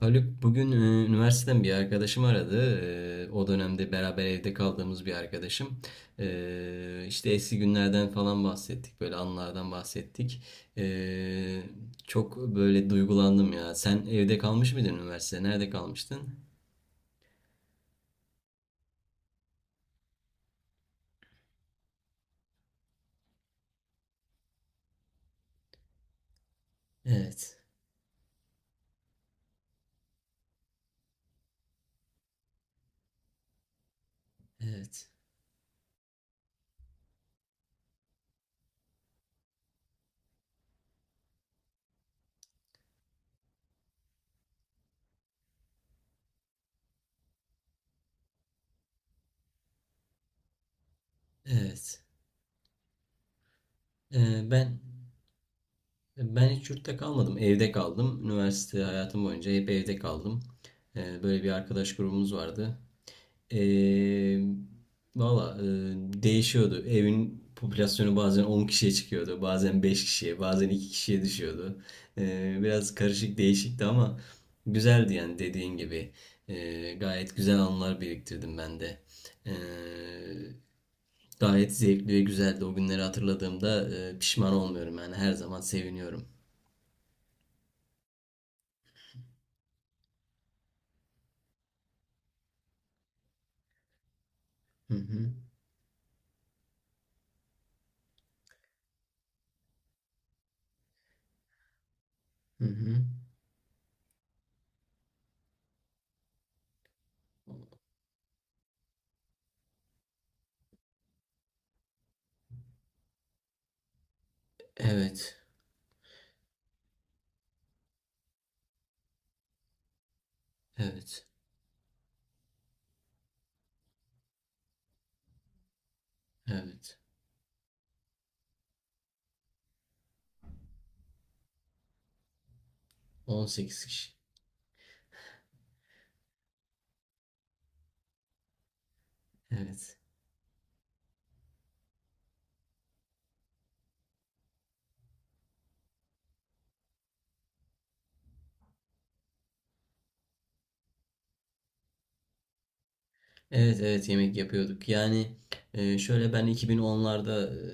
Haluk bugün üniversiteden bir arkadaşım aradı. O dönemde beraber evde kaldığımız bir arkadaşım. İşte eski günlerden falan bahsettik. Böyle anılardan bahsettik. E, Çok böyle duygulandım ya. Sen evde kalmış mıydın üniversitede? Nerede kalmıştın? Evet. Evet. Evet. E, ben ben hiç yurtta kalmadım. Evde kaldım. Üniversite hayatım boyunca hep evde kaldım. Böyle bir arkadaş grubumuz vardı. Ee, valla, değişiyordu. Evin popülasyonu bazen 10 kişiye çıkıyordu. Bazen 5 kişiye, bazen 2 kişiye düşüyordu. Biraz karışık değişikti ama güzeldi yani dediğin gibi. Gayet güzel anılar biriktirdim ben de. Ee, Gayet zevkli ve güzeldi. O günleri hatırladığımda pişman olmuyorum. Yani her zaman seviniyorum. Hı hı, hı hı. Evet, evet, evet. On sekiz kişi. Evet. Evet, evet, yemek yapıyorduk. Yani şöyle, ben 2010'larda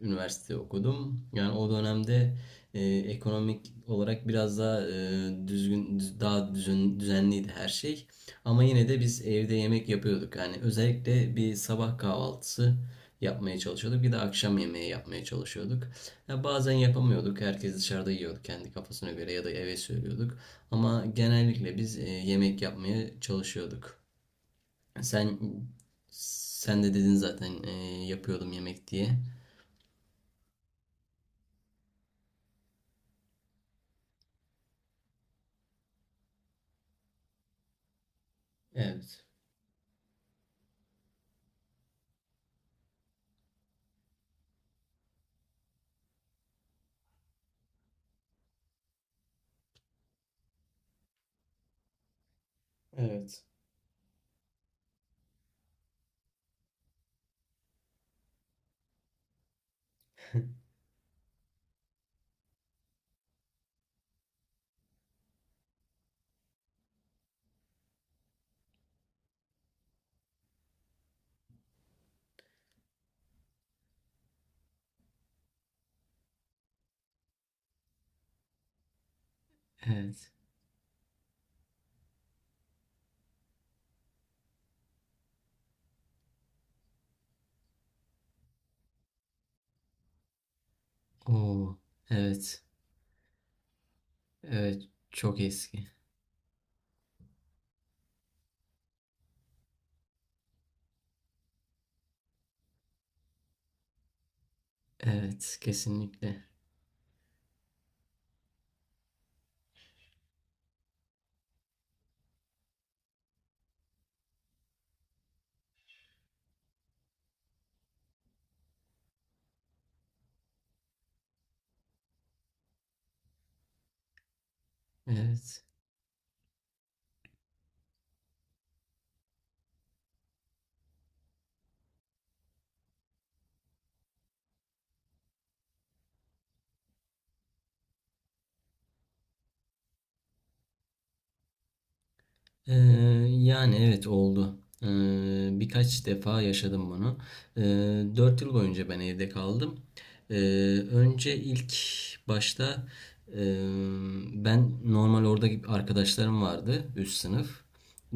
üniversite okudum. Yani o dönemde ekonomik olarak biraz daha daha düzenliydi her şey. Ama yine de biz evde yemek yapıyorduk. Yani özellikle bir sabah kahvaltısı yapmaya çalışıyorduk. Bir de akşam yemeği yapmaya çalışıyorduk. Ya bazen yapamıyorduk. Herkes dışarıda yiyordu kendi kafasına göre ya da eve söylüyorduk. Ama genellikle biz yemek yapmaya çalışıyorduk. Sen sen de dedin zaten yapıyordum yemek diye. Evet. Evet. Evet. Oo. Evet. Evet. Çok eski. Evet. Kesinlikle. Evet. Ee, Yani evet, oldu. Ee, Birkaç defa yaşadım bunu. Ee, 4 yıl boyunca ben evde kaldım. Ee, Önce ilk başta e, ben normal orada gibi arkadaşlarım vardı üst sınıf.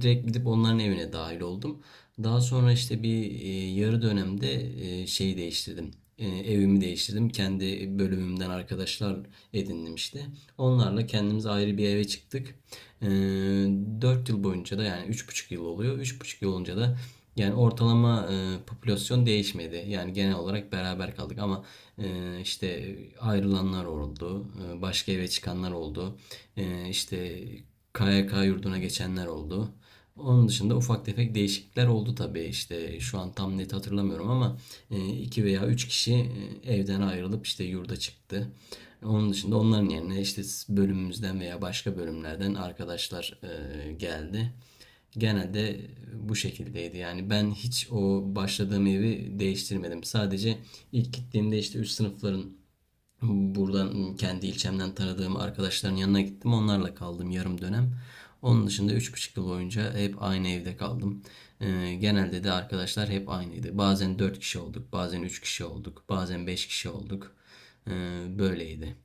Direkt gidip onların evine dahil oldum. Daha sonra işte bir yarı dönemde şeyi değiştirdim. Evimi değiştirdim. Kendi bölümümden arkadaşlar edindim işte. Onlarla kendimiz ayrı bir eve çıktık. Ee, Dört yıl boyunca da yani üç buçuk yıl oluyor. Üç buçuk yıl olunca da yani ortalama popülasyon değişmedi. Yani genel olarak beraber kaldık ama işte ayrılanlar oldu. Başka eve çıkanlar oldu. İşte KYK yurduna geçenler oldu. Onun dışında ufak tefek değişiklikler oldu tabii. İşte şu an tam net hatırlamıyorum ama iki veya üç kişi evden ayrılıp işte yurda çıktı. Onun dışında onların yerine işte bölümümüzden veya başka bölümlerden arkadaşlar geldi. Genelde bu şekildeydi. Yani ben hiç o başladığım evi değiştirmedim. Sadece ilk gittiğimde işte üst sınıfların buradan kendi ilçemden tanıdığım arkadaşların yanına gittim. Onlarla kaldım yarım dönem. Onun dışında üç buçuk yıl boyunca hep aynı evde kaldım. Genelde de arkadaşlar hep aynıydı. Bazen 4 kişi olduk, bazen 3 kişi olduk, bazen 5 kişi olduk. Böyleydi.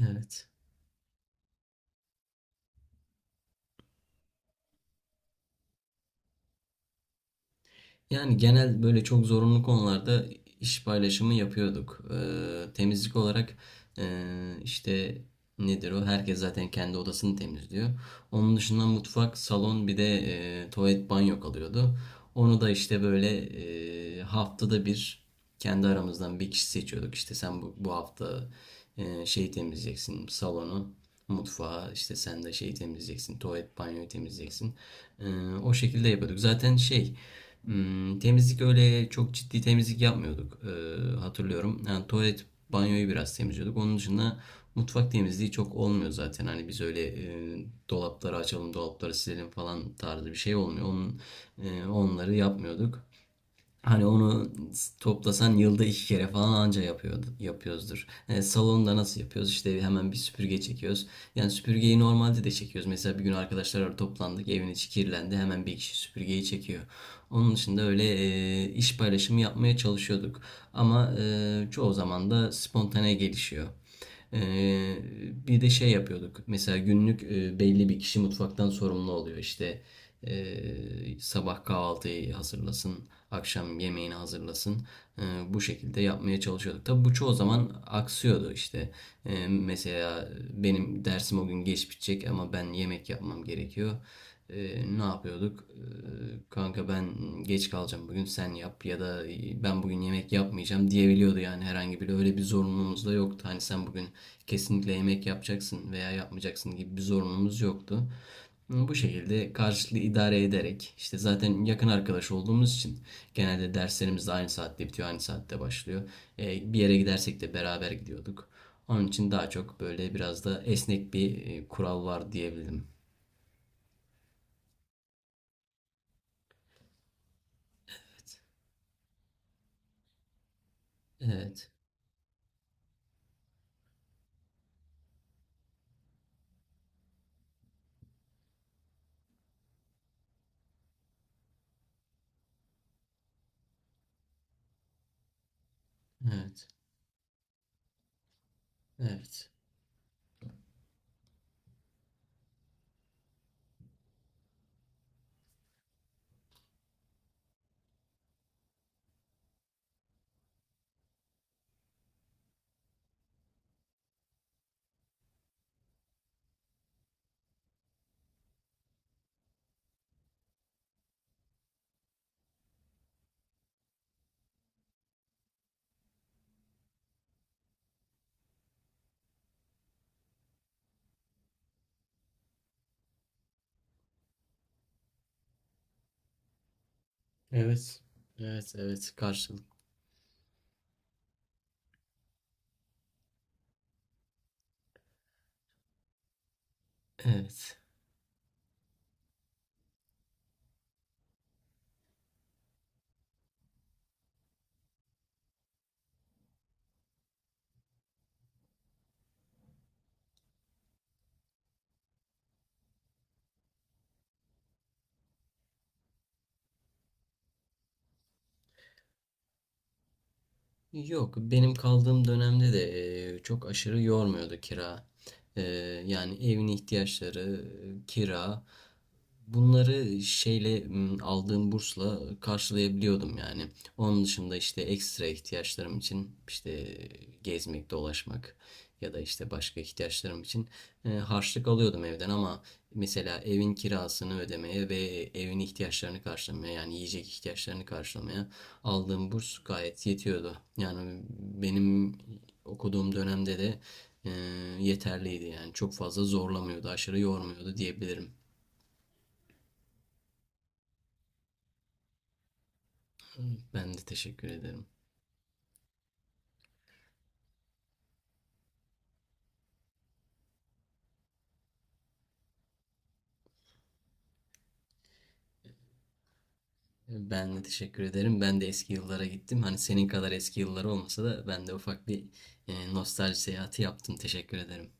Evet. Yani genel böyle çok zorunlu konularda iş paylaşımı yapıyorduk. Temizlik olarak işte nedir o? Herkes zaten kendi odasını temizliyor. Onun dışında mutfak, salon bir de tuvalet banyo kalıyordu. Onu da işte böyle haftada bir kendi aramızdan bir kişi seçiyorduk. İşte sen bu hafta şeyi temizleyeceksin, salonu, mutfağı, işte sen de şeyi temizleyeceksin, tuvalet banyoyu temizleyeceksin. E, O şekilde yapıyorduk. Zaten şey... Hmm, temizlik öyle çok ciddi temizlik yapmıyorduk. Hatırlıyorum. Yani tuvalet, banyoyu biraz temizliyorduk. Onun dışında mutfak temizliği çok olmuyor zaten. Hani biz öyle dolapları açalım, dolapları silelim falan tarzı bir şey olmuyor. Onları yapmıyorduk. Hani onu toplasan yılda iki kere falan anca yapıyordu, yapıyoruzdur. E, salonda nasıl yapıyoruz? İşte hemen bir süpürge çekiyoruz. Yani süpürgeyi normalde de çekiyoruz. Mesela bir gün arkadaşlar toplandık, evin içi kirlendi. Hemen bir kişi süpürgeyi çekiyor. Onun dışında öyle iş paylaşımı yapmaya çalışıyorduk. Ama çoğu zaman da spontane gelişiyor. Ee, Bir de şey yapıyorduk. Mesela günlük belli bir kişi mutfaktan sorumlu oluyor. İşte sabah kahvaltıyı hazırlasın, akşam yemeğini hazırlasın. Ee, Bu şekilde yapmaya çalışıyorduk. Tabii bu çoğu zaman aksıyordu işte. Mesela benim dersim o gün geç bitecek ama ben yemek yapmam gerekiyor. Ne yapıyorduk? Kanka ben geç kalacağım bugün sen yap, ya da ben bugün yemek yapmayacağım diyebiliyordu. Yani herhangi bir öyle bir zorunluluğumuz da yoktu. Hani sen bugün kesinlikle yemek yapacaksın veya yapmayacaksın gibi bir zorunluluğumuz yoktu. Bu şekilde karşılıklı idare ederek, işte zaten yakın arkadaş olduğumuz için, genelde derslerimiz de aynı saatte bitiyor, aynı saatte başlıyor. E, bir yere gidersek de beraber gidiyorduk. Onun için daha çok böyle biraz da esnek bir kural var diyebilirim. Evet, evet, evet, evet, evet, evet, karşılık. Evet. Yok, benim kaldığım dönemde de çok aşırı yormuyordu kira. E, Yani evin ihtiyaçları, kira, bunları aldığım bursla karşılayabiliyordum yani. Onun dışında işte ekstra ihtiyaçlarım için, işte gezmek, dolaşmak ya da işte başka ihtiyaçlarım için harçlık alıyordum evden, ama mesela evin kirasını ödemeye ve evin ihtiyaçlarını karşılamaya, yani yiyecek ihtiyaçlarını karşılamaya aldığım burs gayet yetiyordu. Yani benim okuduğum dönemde de e, yeterliydi yani. Çok fazla zorlamıyordu, aşırı yormuyordu diyebilirim. Ben de teşekkür ederim. Ben de teşekkür ederim. Ben de eski yıllara gittim. Hani senin kadar eski yılları olmasa da ben de ufak bir nostalji seyahati yaptım. Teşekkür ederim.